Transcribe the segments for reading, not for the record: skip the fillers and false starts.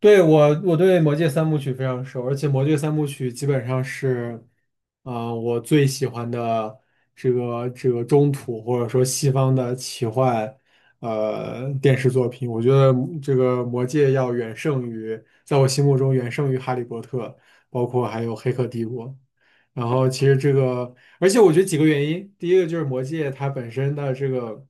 对，我对《魔戒》三部曲非常熟，而且《魔戒》三部曲基本上是，我最喜欢的这个中土或者说西方的奇幻，电视作品。我觉得这个《魔戒》要远胜于，在我心目中远胜于《哈利波特》，包括还有《黑客帝国》。然后其实这个，而且我觉得几个原因，第一个就是《魔戒》它本身的这个。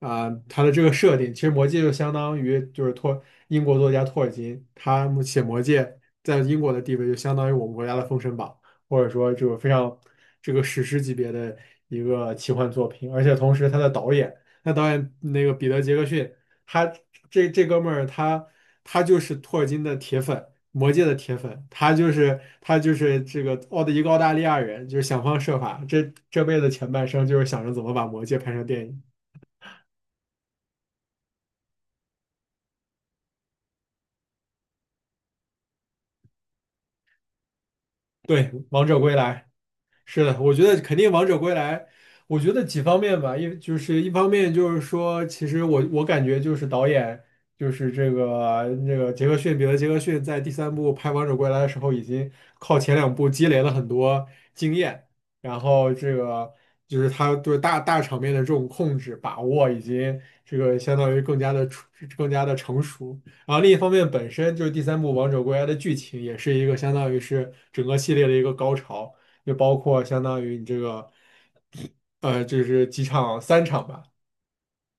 啊，它的这个设定，其实《魔戒》就相当于就是英国作家托尔金，他们写《魔戒》在英国的地位就相当于我们国家的《封神榜》，或者说就是非常这个史诗级别的一个奇幻作品。而且同时，他的导演，那导演那个彼得·杰克逊，他这哥们儿他就是托尔金的铁粉，《魔戒》的铁粉，他就是这个一个澳大利亚人，就是想方设法，这辈子前半生就是想着怎么把《魔戒》拍成电影。对，王者归来，是的，我觉得肯定王者归来，我觉得几方面吧，一方面就是说，其实我感觉就是导演就是这个那个杰克逊彼得杰克逊在第三部拍《王者归来》的时候，已经靠前两部积累了很多经验，然后这个就是他对大场面的这种控制把握，已经这个相当于更加的成熟。然后另一方面，本身就是第三部《王者归来》的剧情也是一个相当于是整个系列的一个高潮。就包括相当于你这个，就是三场吧，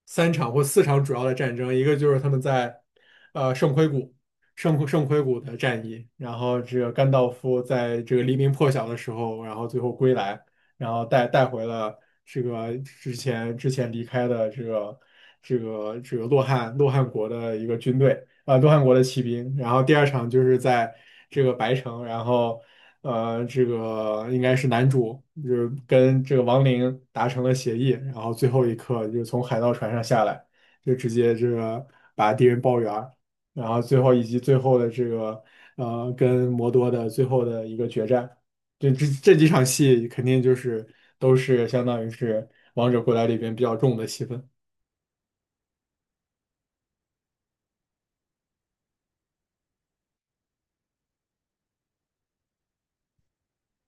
三场或四场主要的战争，一个就是他们在，圣盔谷，圣盔谷的战役，然后这个甘道夫在这个黎明破晓的时候，然后最后归来，然后带回了这个之前离开的这个洛汗国的一个军队。东汉国的骑兵，然后第二场就是在这个白城，然后这个应该是男主就是跟这个王灵达成了协议，然后最后一刻就是从海盗船上下来，就直接这个把敌人包圆儿，然后最后以及最后的这个跟摩多的最后的一个决战，就这几场戏肯定就是都是相当于是王者归来里边比较重的戏份，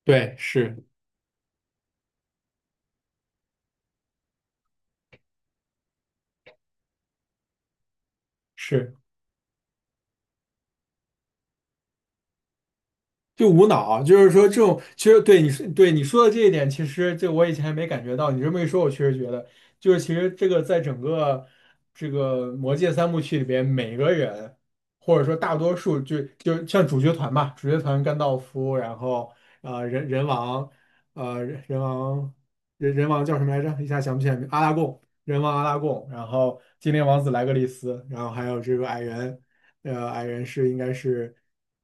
对，是是。就无脑，就是说这种，其实对你说的这一点，其实这我以前还没感觉到，你这么一说，我确实觉得，就是其实这个在整个这个魔戒三部曲里边，每个人或者说大多数就像主角团吧，主角团甘道夫，然后呃人人王，呃人人王人王叫什么来着？一下想不起来名，阿拉贡，人王阿拉贡，然后精灵王子莱格利斯，然后还有这个矮人，矮人是应该是。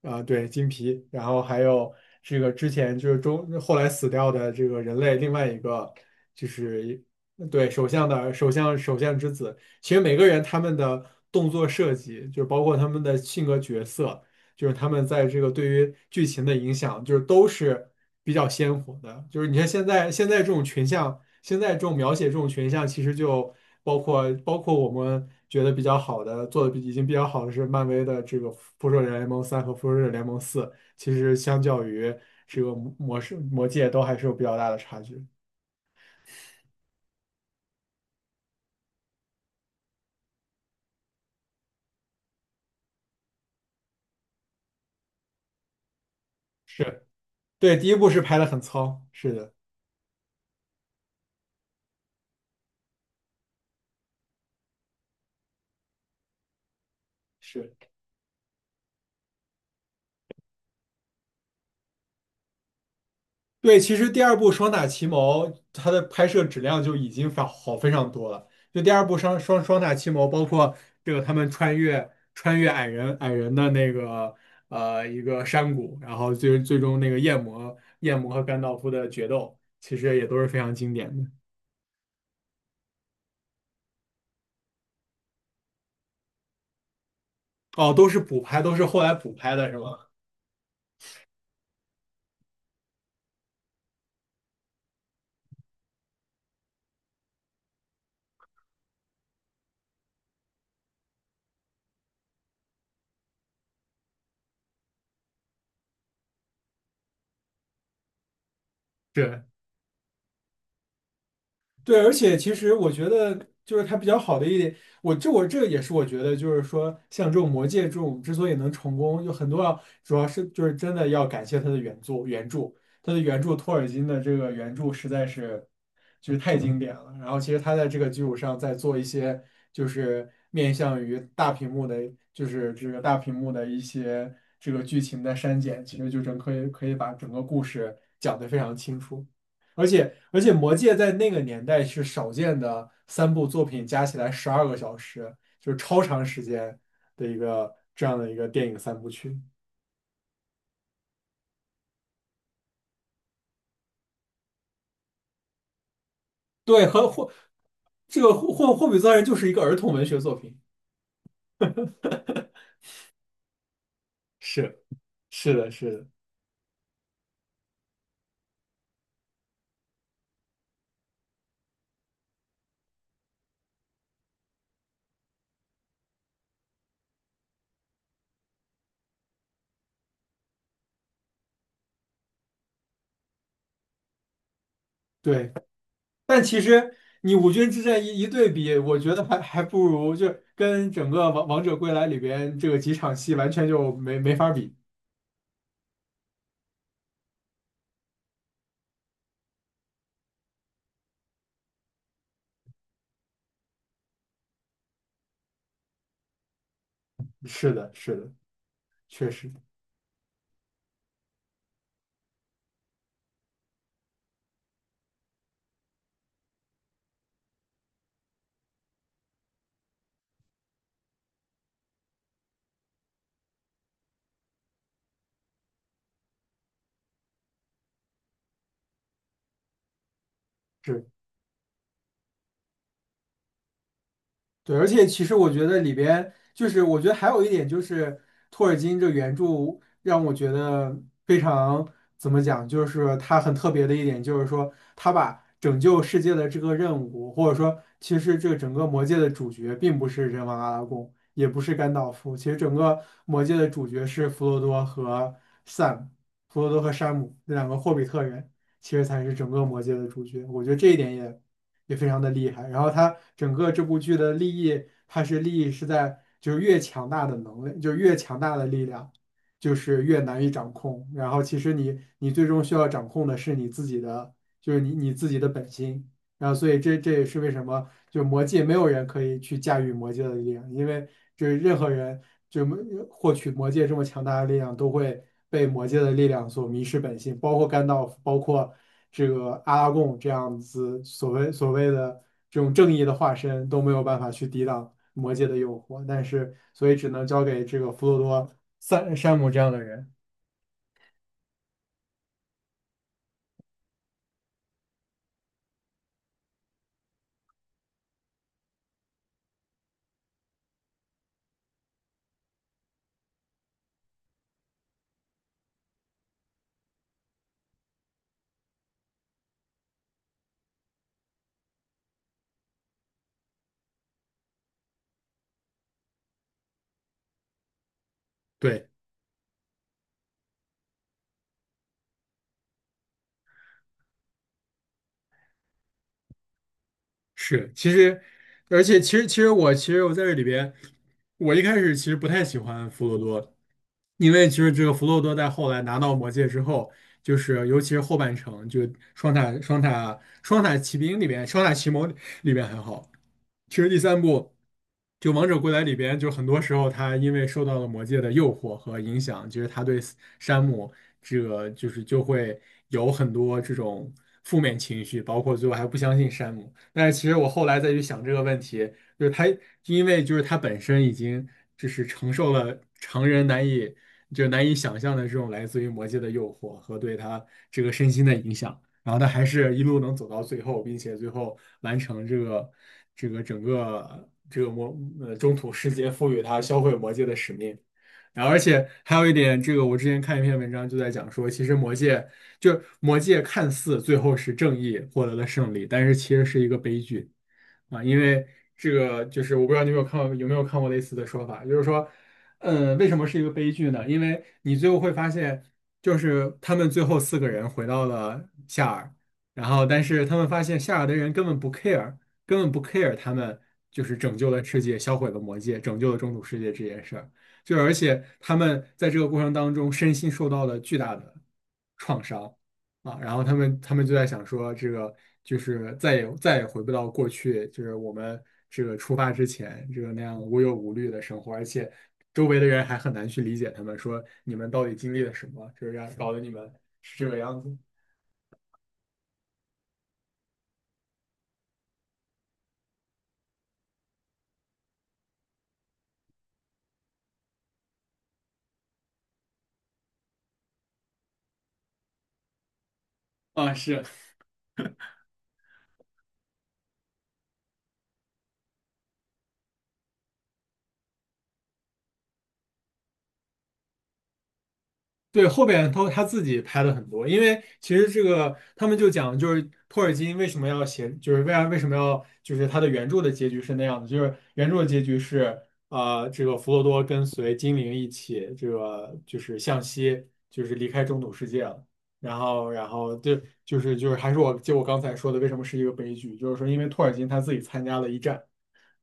啊，对，金皮，然后还有这个之前就是后来死掉的这个人类另外一个就是对首相的首相首相之子，其实每个人他们的动作设计，就包括他们的性格角色，就是他们在这个对于剧情的影响，就是都是比较鲜活的。就是你看现在这种群像，现在这种描写这种群像，其实就包括我们觉得比较好的，做的已经比较好的是漫威的这个《复仇者联盟三》和《复仇者联盟四》，其实相较于这个魔界都还是有比较大的差距。是，对，第一部是拍的很糙，是的。是。对，其实第二部《双塔奇谋》它的拍摄质量就已经非常多了。就第二部双塔奇谋，包括这个他们穿越矮人的那个一个山谷，然后最终那个夜魔和甘道夫的决斗，其实也都是非常经典的。哦，都是补拍，都是后来补拍的是吗？对。对，而且其实我觉得，就是它比较好的一点，我这也是我觉得，就是说像这种魔戒这种之所以能成功，有很多主要是就是真的要感谢它的原著，它的原著托尔金的这个原著实在是就是太经典了。然后其实他在这个基础上再做一些就是面向于大屏幕的，就是这个大屏幕的一些这个剧情的删减，其实就整可以可以把整个故事讲得非常清楚。而且《魔戒》在那个年代是少见的三部作品加起来12个小时，就是超长时间的一个这样的一个电影三部曲。对，和霍这个霍霍霍比特人就是一个儿童文学作品。是是的，是的，对。但其实你五军之战一一对比，我觉得还不如就跟整个王者归来里边这个几场戏完全就没法比。是的，是的，确实。是。对，而且其实我觉得里边就是，我觉得还有一点就是托尔金这原著让我觉得非常怎么讲，就是他很特别的一点，就是说他把拯救世界的这个任务，或者说其实这个整个魔界的主角并不是人王阿拉贡，也不是甘道夫，其实整个魔界的主角是弗罗多和 Sam，弗罗多和山姆这两个霍比特人，其实才是整个魔界的主角。我觉得这一点也非常的厉害。然后它整个这部剧的利益，利益是在就是越强大的能力，就是越强大的力量，就是越难以掌控。然后其实你最终需要掌控的是你自己的，就是你自己的本心。然后所以这也是为什么。就魔界没有人可以去驾驭魔界的力量，因为就是任何人就没获取魔界这么强大的力量，都会被魔界的力量所迷失本性，包括甘道夫，包括这个阿拉贡这样子所谓的这种正义的化身都没有办法去抵挡魔界的诱惑，但是所以只能交给这个弗罗多、山姆这样的人。对。是，其实，而且其实我在这里边，我一开始其实不太喜欢弗罗多，因为其实这个弗罗多在后来拿到魔戒之后，就是尤其是后半程，就双塔奇兵里边，双塔奇谋里边还好，其实第三部就《王者归来》里边，就很多时候他因为受到了魔戒的诱惑和影响，其实他对山姆这个就会有很多这种负面情绪，包括最后还不相信山姆。但是其实我后来再去想这个问题，就是他因为就是他本身已经就是承受了常人难以想象的这种来自于魔界的诱惑和对他这个身心的影响，然后他还是一路能走到最后，并且最后完成这个整个这个中土世界赋予他销毁魔界的使命。然后，而且还有一点，这个我之前看一篇文章就在讲说，其实魔戒看似最后是正义获得了胜利，但是其实是一个悲剧啊，因为这个就是我不知道你有没有看过类似的说法，就是说，为什么是一个悲剧呢？因为你最后会发现，就是他们最后四个人回到了夏尔，然后但是他们发现夏尔的人根本不 care，根本不 care 他们就是拯救了世界，销毁了魔戒，拯救了中土世界这件事儿。就而且他们在这个过程当中身心受到了巨大的创伤啊，然后他们就在想说，这个就是再也再也回不到过去，就是我们这个出发之前这个那样无忧无虑的生活，而且周围的人还很难去理解他们，说你们到底经历了什么，就是让搞得你们是这个样子啊，是。对，后边他自己拍的很多，因为其实这个他们就讲，就是托尔金为什么要写，就是为什么要，就是他的原著的结局是那样的，就是原著的结局是，这个弗罗多跟随精灵一起，这个就是向西，就是离开中土世界了，然后对，就是还是我刚才说的，为什么是一个悲剧，就是说因为托尔金他自己参加了一战。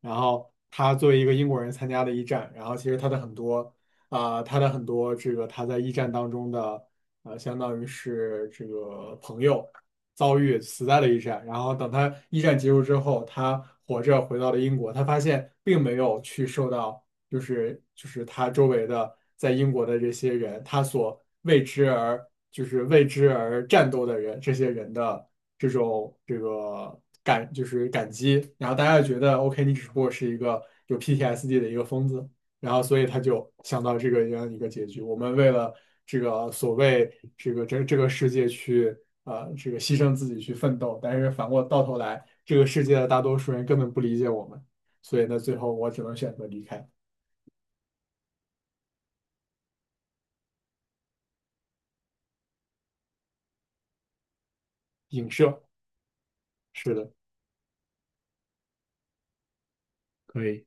然后他作为一个英国人参加的一战，然后其实他的很多他的很多这个他在一战当中的相当于是这个朋友遭遇死在了一战，然后等他一战结束之后，他活着回到了英国，他发现并没有去受到。就是他周围的在英国的这些人，他所为之而战斗的人，这些人的这种这个感就是感激，然后大家就觉得 OK，你只不过是一个有 PTSD 的一个疯子，然后所以他就想到这样一个结局。我们为了这个所谓这个这个世界去这个牺牲自己去奋斗，但是反过到头来，这个世界的大多数人根本不理解我们。所以呢，最后我只能选择离开。影射，是的，可以。